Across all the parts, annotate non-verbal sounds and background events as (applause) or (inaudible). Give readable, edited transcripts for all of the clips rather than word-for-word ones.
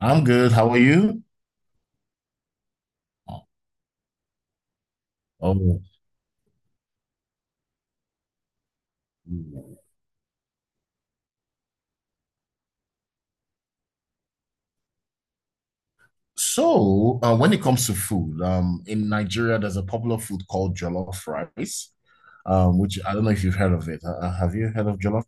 I'm good. How are you? Oh, so when it comes to food, in Nigeria, there's a popular food called jollof rice, which I don't know if you've heard of it. Have you heard of jollof?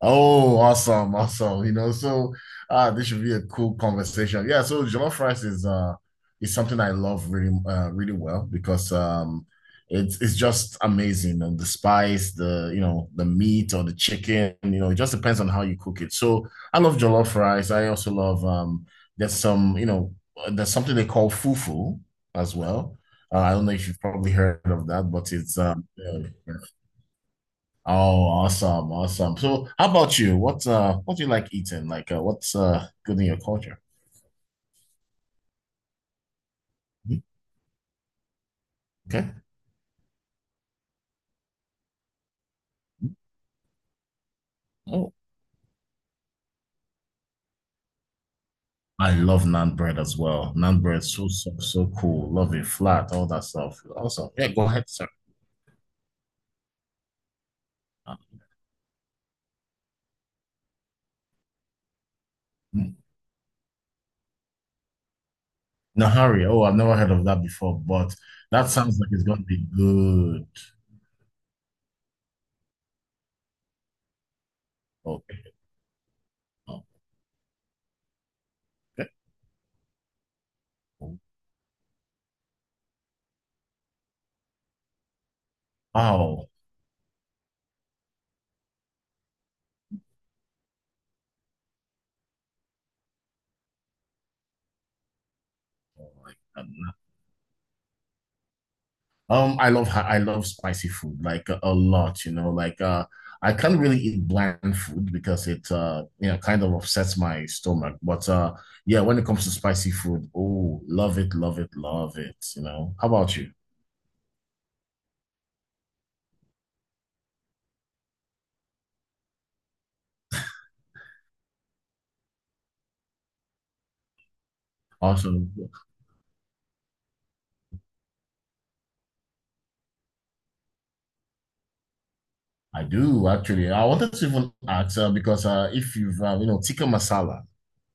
Oh, awesome, awesome. You know, so this should be a cool conversation. Yeah, so jollof rice is something I love really really well because it's just amazing and the spice, the you know, the meat or the chicken, you know, it just depends on how you cook it. So I love jollof rice. I also love there's some, you know, there's something they call fufu as well. I don't know if you've probably heard of that, but it's yeah. Oh, awesome, awesome. So, how about you? What do you like eating? Like, what's good in your culture? Hmm. Okay. Oh, I love naan bread as well. Naan bread, so soft, so cool. Love it, flat, all that stuff. Awesome. Yeah, go ahead, sir. Uh, hmm. Nahari. Oh, I've never heard of that before, but that sounds like it's gonna be good. Okay. Okay. Wow. Oh, my God. I love spicy food like a lot, you know. Like I can't really eat bland food because it you know kind of upsets my stomach. But yeah, when it comes to spicy food, oh, love it, love it, love it, you know. How about you? Awesome. I do actually. I wanted to even ask because if you've you know tikka masala,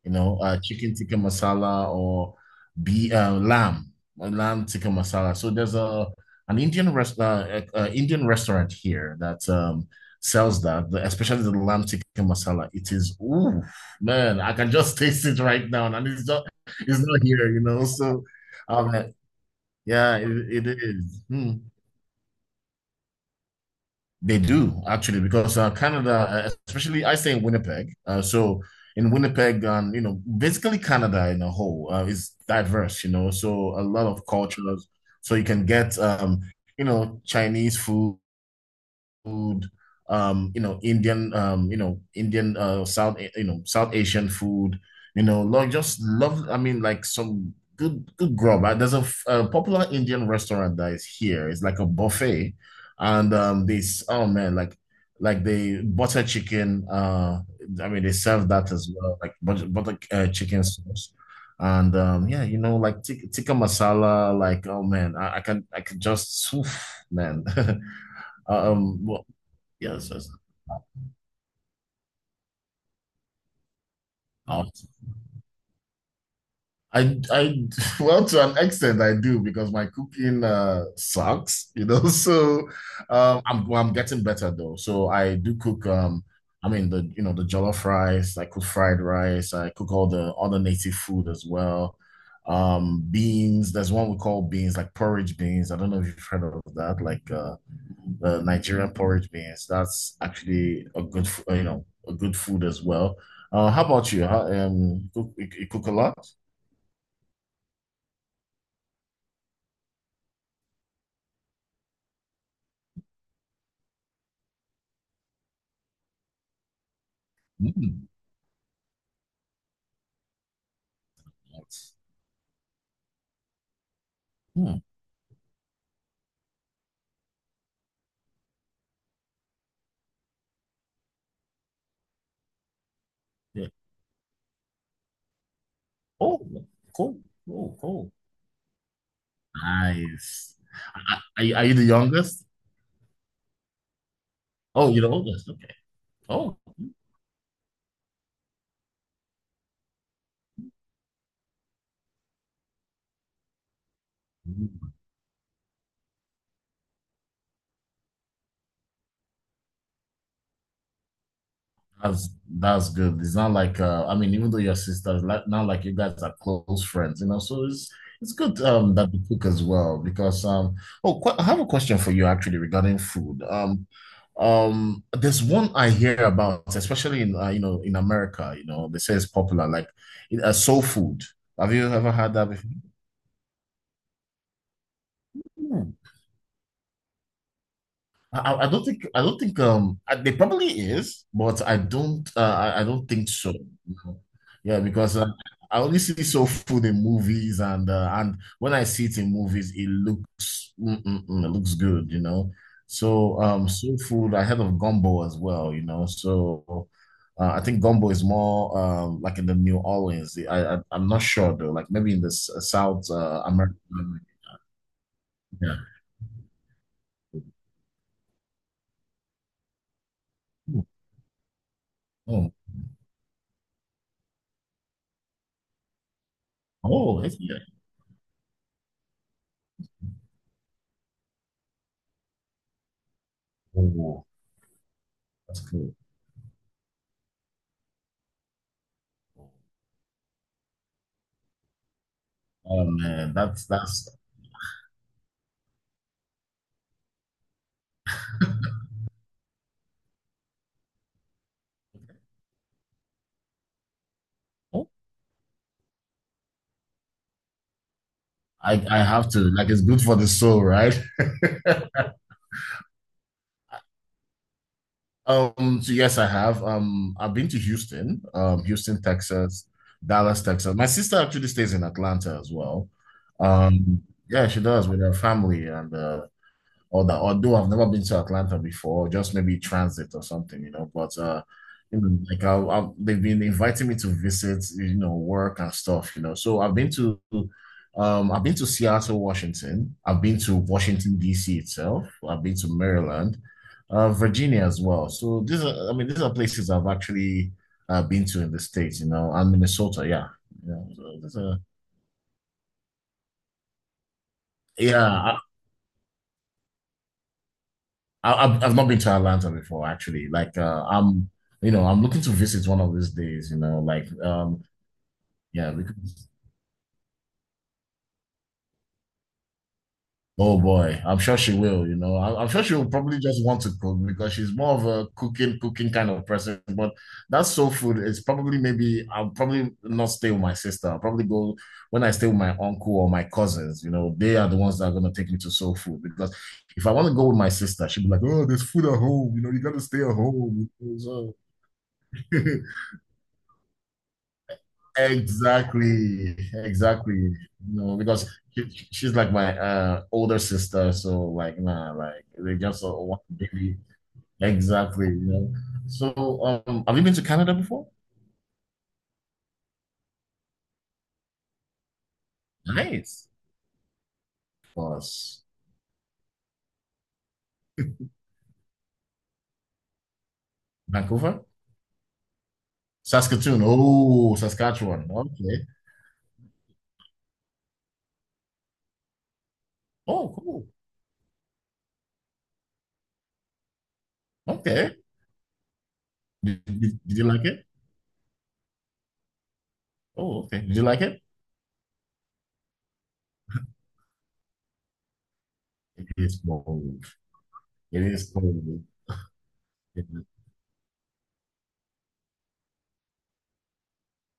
you know chicken tikka masala or be lamb lamb tikka masala. So there's a an Indian rest Indian restaurant here that sells that, especially the lamb tikka masala. It is ooh man, I can just (laughs) taste it right now, and it's not here, you know. So um, yeah, it is. Hmm. They do actually because Canada, especially I stay in Winnipeg. So in Winnipeg, you know, basically Canada in a whole is diverse. You know, so a lot of cultures. So you can get you know, Chinese food, um, you know, Indian, you know, Indian, you know, South Asian food, you know, like just love. I mean, like some good, good grub. There's a, a popular Indian restaurant that is here. It's like a buffet, and this oh man, like the butter chicken. I mean, they serve that as well, like butter chicken sauce. And yeah, you know, like tikka masala, like oh man, I can just, oof, man. (laughs) Um, Yes, that's I, I, (laughs) well, to an extent, I do because my cooking sucks, you know. (laughs) So, I'm well, I'm getting better though. So I do cook. I mean the you know the jollof rice. I cook fried rice. I cook all the other native food as well. Beans. There's one we call beans, like porridge beans. I don't know if you've heard of that. Like the Nigerian porridge beans. That's actually a good, you know, a good food as well. How about you? You cook a lot? Mm, that's, hmm, yeah. Oh, cool, cool, cool. Nice. Are, are you the youngest? Oh, you're the oldest. Okay. Oh. Mm-hmm. That's that's good. It's not like I mean, even though your sisters, like not like you guys are close friends, you know. So it's good that you cook as well because oh qu I have a question for you actually regarding food. There's one I hear about, especially in you know in America, you know, they say it's popular like soul food. Have you ever had that before? I don't think there probably is, but I don't I don't think so. No. Yeah, because I only see soul food in movies, and when I see it in movies, it looks mm, mm, mm, it looks good, you know. So soul food, I heard of gumbo as well, you know. So I think gumbo is more like in the New Orleans. I'm not sure though, like maybe in the South America. Yeah. Oh, oh, that's- yeah. Oh, that's cool. Oh man, that's I have to like it's good for the soul, right? (laughs) So yes, I have. I've been to Houston, Houston, Texas, Dallas, Texas. My sister actually stays in Atlanta as well. Um, yeah, she does with her family, and or that although I've never been to Atlanta before, just maybe transit or something, you know. But you know, like they've been inviting me to visit, you know, work and stuff, you know. So I've been to Seattle, Washington. I've been to Washington D.C. itself. I've been to Maryland, Virginia as well. So these are, I mean, these are places I've actually been to in the States, you know, and Minnesota. Yeah, yeah. So these are- yeah, I've not been to Atlanta before, actually. Like, I'm, you know, I'm looking to visit one of these days, you know, like, yeah, because, oh boy, I'm sure she will, you know, I'm sure she'll probably just want to cook because she's more of a cooking kind of person. But that's soul food. It's probably maybe I'll probably not stay with my sister. I'll probably go when I stay with my uncle or my cousins, you know, they are the ones that are going to take me to soul food because if I want to go with my sister, she'll be like, oh, there's food at home, you know, you got to stay at home. (laughs) So. (laughs) Exactly, exactly. No, because she's like my older sister, so like nah, like they just want to be exactly, you know. So have you been to Canada before? Nice. Plus Vancouver, Saskatoon. Oh, Saskatchewan. Okay. Oh, cool. Okay. Did you like it? Oh, okay. Did you like it? It is cold. It is cold.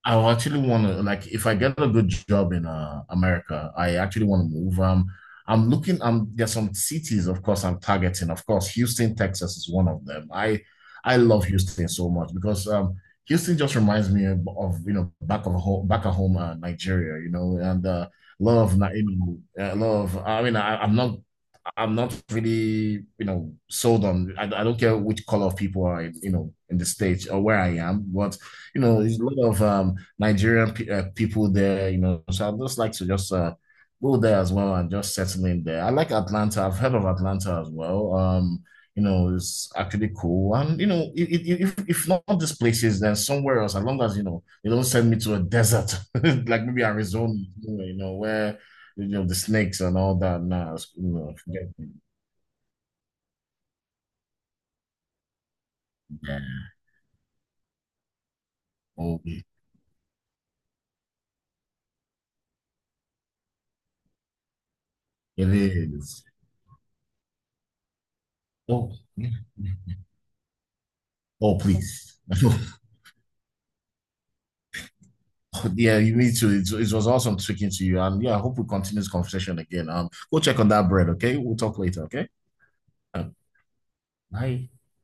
I will actually want to like if I get a good job in America, I actually want to move. I'm looking. There's some cities, of course, I'm targeting. Of course, Houston, Texas is one of them. I love Houston so much because Houston just reminds me of, you know back of home, back at home, Nigeria. You know, and a lot of you know, a lot of. I mean, I'm not really, you know, sold on. I don't care which color of people are, in, you know, in the states or where I am, but you know, there's a lot of Nigerian pe people there, you know. So I just like to just go there as well and just settle in there. I like Atlanta. I've heard of Atlanta as well. You know, it's actually cool. And you know, if not these places, then somewhere else. As long as you know, they don't send me to a desert (laughs) like maybe Arizona, you know, where you know, the snakes and all that now. You know, forget it. Yeah. Oh, it is. Oh, yeah. Oh, please. (laughs) Yeah, you need to. It was awesome speaking to you, and yeah, I hope we continue this conversation again. Go check on that bread, okay? We'll talk later, okay? Um, bye.